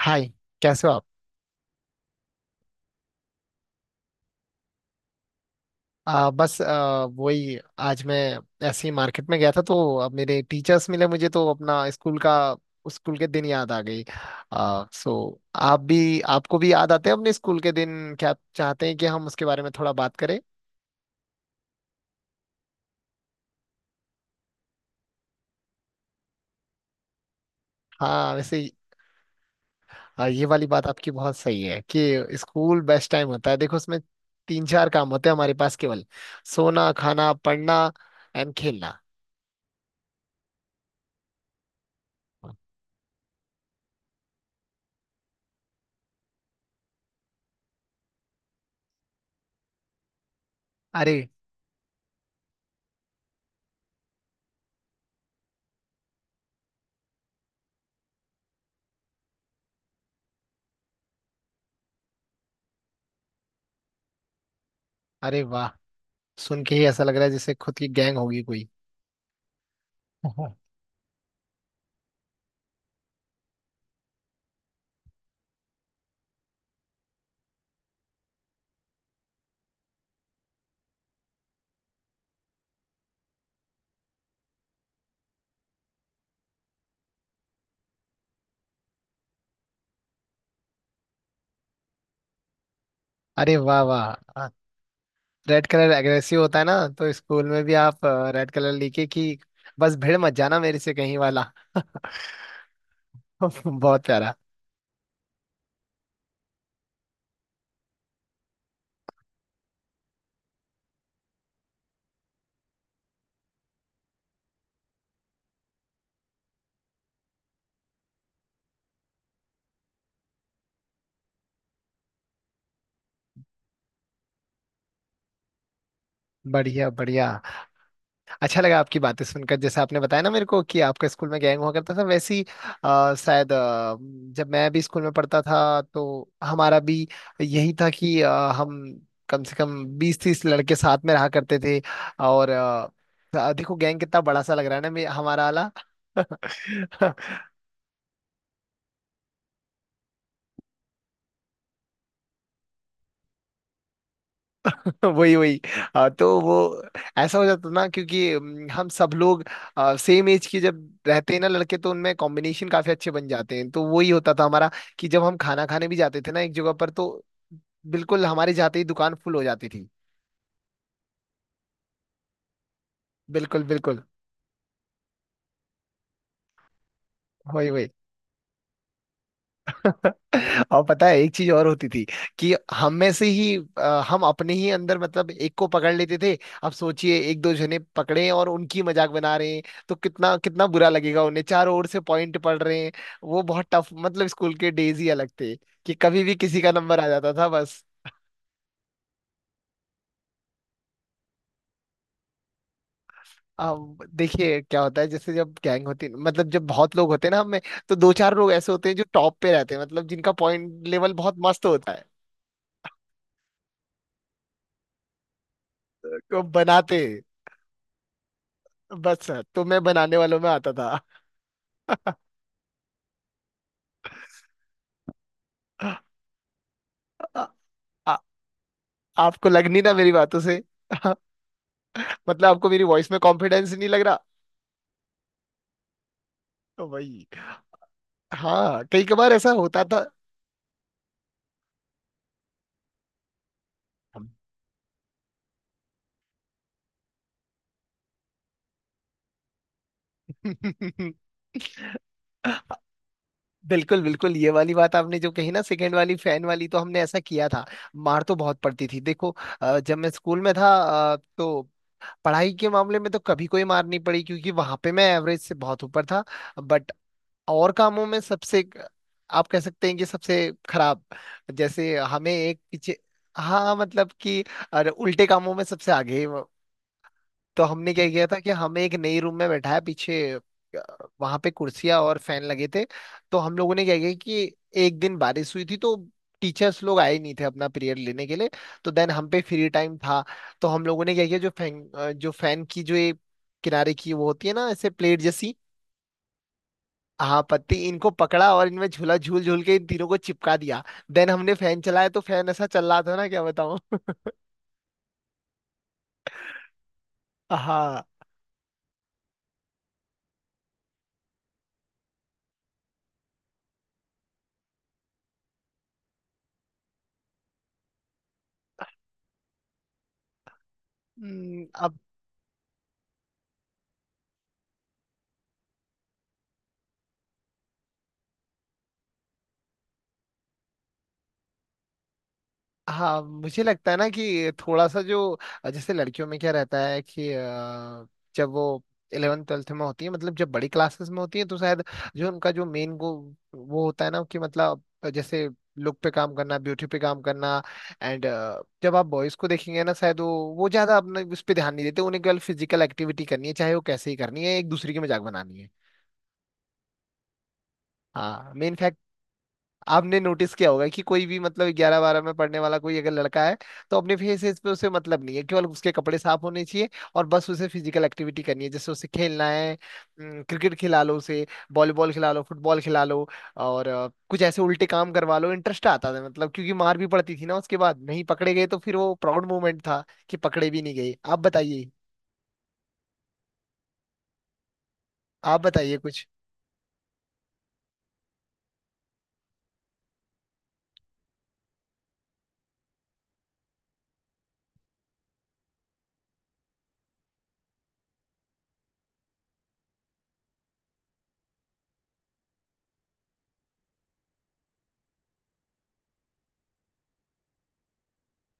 हाय कैसे हो आप बस वही आज मैं ऐसे ही मार्केट में गया था तो अब मेरे टीचर्स मिले मुझे तो अपना स्कूल का उस स्कूल के दिन याद आ गई। सो आप भी आपको भी याद आते हैं अपने स्कूल के दिन। क्या आप चाहते हैं कि हम उसके बारे में थोड़ा बात करें? हाँ वैसे। ये वाली बात आपकी बहुत सही है कि स्कूल बेस्ट टाइम होता है। देखो उसमें तीन चार काम होते हैं हमारे पास, केवल सोना, खाना, पढ़ना एंड खेलना। अरे। अरे वाह। सुन के ही ऐसा लग रहा है जैसे खुद की गैंग होगी कोई। हाँ। अरे वाह वाह। रेड कलर एग्रेसिव होता है ना, तो स्कूल में भी आप रेड कलर लिखे कि बस भिड़ मत जाना मेरे से कहीं वाला। बहुत प्यारा। बढ़िया बढ़िया। अच्छा लगा आपकी बातें सुनकर, जैसे आपने बताया ना मेरे को कि आपका स्कूल में गैंग हुआ करता था, वैसे ही शायद जब मैं भी स्कूल में पढ़ता था तो हमारा भी यही था कि हम कम से कम 20-30 लड़के साथ में रहा करते थे। और देखो गैंग कितना बड़ा सा लग रहा है ना, हमारा वाला। वही वही। तो वो ऐसा हो जाता ना, क्योंकि हम सब लोग सेम एज के जब रहते हैं ना लड़के, तो उनमें कॉम्बिनेशन काफी अच्छे बन जाते हैं, तो वही होता था हमारा। कि जब हम खाना खाने भी जाते थे ना एक जगह पर तो बिल्कुल हमारे जाते ही दुकान फुल हो जाती थी। बिल्कुल बिल्कुल। वही वही। और पता है एक चीज और होती थी, कि हम में से ही, हम अपने ही अंदर मतलब एक को पकड़ लेते थे। अब सोचिए एक दो जने पकड़े हैं और उनकी मजाक बना रहे हैं, तो कितना कितना बुरा लगेगा उन्हें, चारों ओर से पॉइंट पड़ रहे हैं। वो बहुत टफ, मतलब स्कूल के डेज ही अलग थे कि कभी भी किसी का नंबर आ जाता था बस। अब देखिए क्या होता है, जैसे जब गैंग होती, मतलब जब बहुत लोग होते हैं ना हम में, तो दो चार लोग ऐसे होते हैं जो टॉप पे रहते हैं, मतलब जिनका पॉइंट लेवल बहुत मस्त होता है। को बनाते। बस, तो मैं बनाने वालों में आता था। आ, आ, आपको लग नहीं ना मेरी बातों से? मतलब आपको मेरी वॉइस में कॉन्फिडेंस नहीं लग रहा? तो वही। हाँ, कई कबार ऐसा होता था। बिल्कुल बिल्कुल। ये वाली बात आपने जो कही ना सेकंड वाली, फैन वाली, तो हमने ऐसा किया था। मार तो बहुत पड़ती थी देखो। जब मैं स्कूल में था, तो पढ़ाई के मामले में तो कभी कोई मार नहीं पड़ी क्योंकि वहां पे मैं एवरेज से बहुत ऊपर था। बट और कामों में सबसे, आप कह सकते हैं कि सबसे खराब। जैसे हमें एक पीछे। हाँ मतलब कि, अरे उल्टे कामों में सबसे आगे। तो हमने क्या किया था कि हमें एक नई रूम में बैठाया पीछे। वहां पे कुर्सियां और फैन लगे थे। तो हम लोगों ने क्या किया कि, एक दिन बारिश हुई थी, तो टीचर्स लोग आए नहीं थे अपना पीरियड लेने के लिए, तो देन हम पे फ्री टाइम था। तो हम लोगों ने क्या किया, जो फैन की जो ये किनारे की वो होती है ना, ऐसे प्लेट जैसी, हाँ पत्ती, इनको पकड़ा और इनमें झूला झूल झूल के इन तीनों को चिपका दिया। देन हमने फैन चलाया तो फैन ऐसा चल रहा था ना, क्या बताऊं। हाँ। अब। हाँ मुझे लगता है ना कि थोड़ा सा जो, जैसे लड़कियों में क्या रहता है कि जब वो 11th-12th में होती है, मतलब जब बड़ी क्लासेस में होती है, तो शायद जो उनका जो मेन गो वो होता है ना कि, मतलब जैसे, लुक पे काम करना, ब्यूटी पे काम करना एंड, जब आप बॉयज को देखेंगे ना, शायद वो ज्यादा अपने उस पे ध्यान नहीं देते, उन्हें केवल फिजिकल एक्टिविटी करनी है चाहे वो कैसे ही करनी है, एक दूसरे की मजाक बनानी है। हाँ मेन। आपने नोटिस किया होगा कि कोई भी, मतलब 11th-12th में पढ़ने वाला कोई अगर लड़का है, तो अपने फेसेस पे उसे मतलब नहीं है, केवल उसके कपड़े साफ होने चाहिए। और बस उसे फिजिकल एक्टिविटी करनी है, जैसे उसे खेलना है। क्रिकेट खिला लो उसे, वॉलीबॉल खिला लो, फुटबॉल खिला लो, और कुछ ऐसे उल्टे काम करवा लो। इंटरेस्ट आता था, मतलब क्योंकि मार भी पड़ती थी ना उसके बाद, नहीं पकड़े गए तो फिर वो प्राउड मोमेंट था, कि पकड़े भी नहीं गए। आप बताइए। आप बताइए कुछ।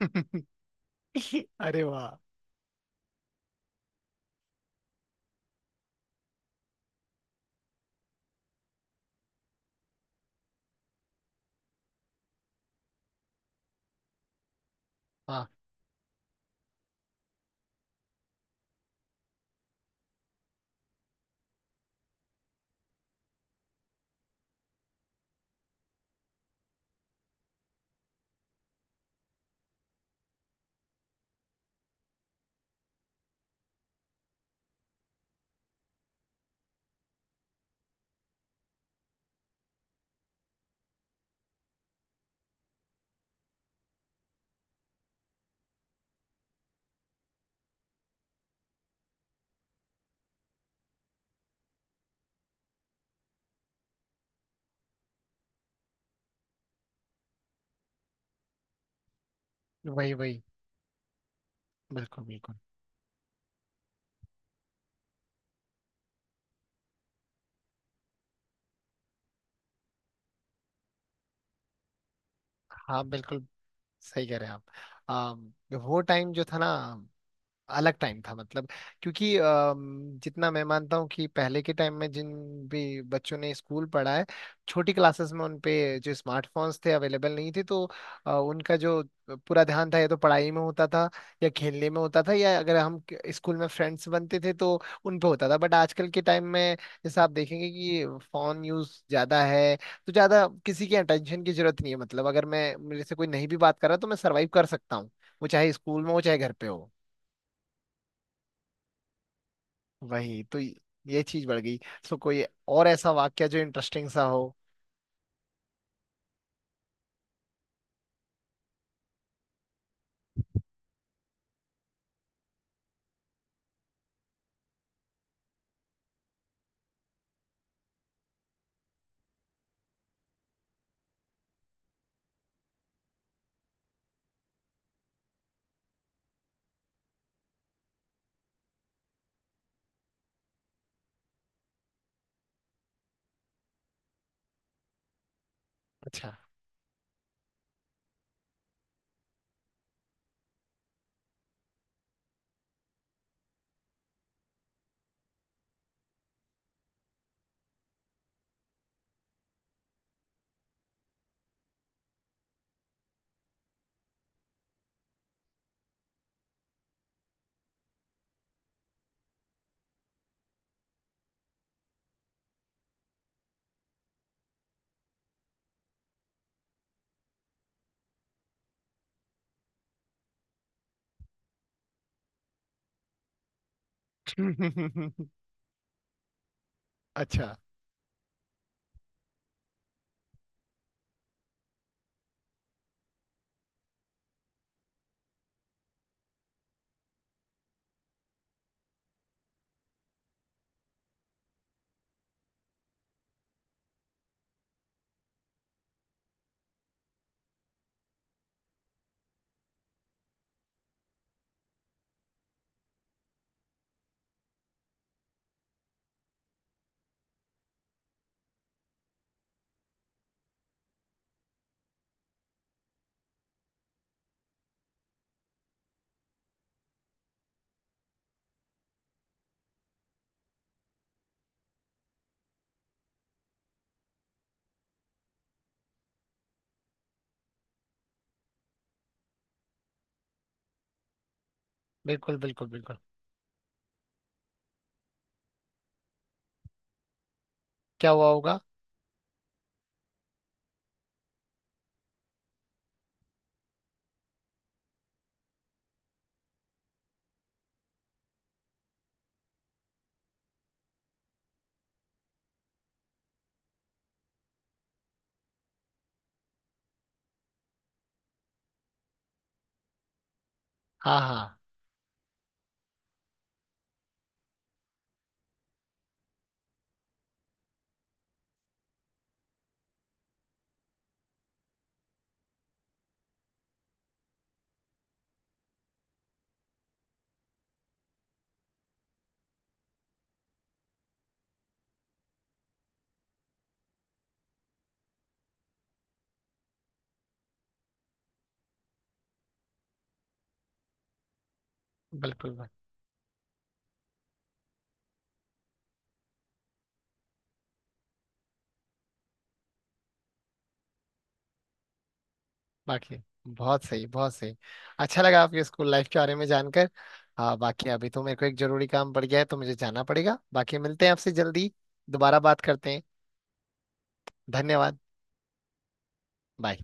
अरे वाह। हाँ वही वही। बिल्कुल बिल्कुल। हाँ बिल्कुल। सही कह रहे हैं आप। वो टाइम जो था ना, अलग टाइम था। मतलब क्योंकि जितना मैं मानता हूँ कि पहले के टाइम में जिन भी बच्चों ने स्कूल पढ़ा है छोटी क्लासेस में, उन पे जो स्मार्टफोन्स थे अवेलेबल नहीं थे। तो उनका जो पूरा ध्यान था, या तो पढ़ाई में होता था, या खेलने में होता था, या अगर हम स्कूल में फ्रेंड्स बनते थे तो उन पे होता था। बट आजकल के टाइम में, जैसा आप देखेंगे कि, फोन यूज ज्यादा है। तो ज्यादा किसी की अटेंशन की जरूरत नहीं है, मतलब अगर मैं, मेरे से कोई नहीं भी बात कर रहा तो मैं सर्वाइव कर सकता हूँ, वो चाहे स्कूल में हो चाहे घर पे हो। वही तो ये चीज बढ़ गई। सो कोई और ऐसा वाक्य जो इंटरेस्टिंग सा हो? अच्छा। अच्छा। बिल्कुल बिल्कुल बिल्कुल। क्या हुआ होगा? हाँ हाँ। बिल्कुल बिल्कुल। बाकी बहुत सही, बहुत सही। अच्छा लगा आपके स्कूल लाइफ के बारे में जानकर। हाँ बाकी, अभी तो मेरे को एक जरूरी काम पड़ गया है तो मुझे जाना पड़ेगा, बाकी मिलते हैं आपसे जल्दी। दोबारा बात करते हैं। धन्यवाद। बाय।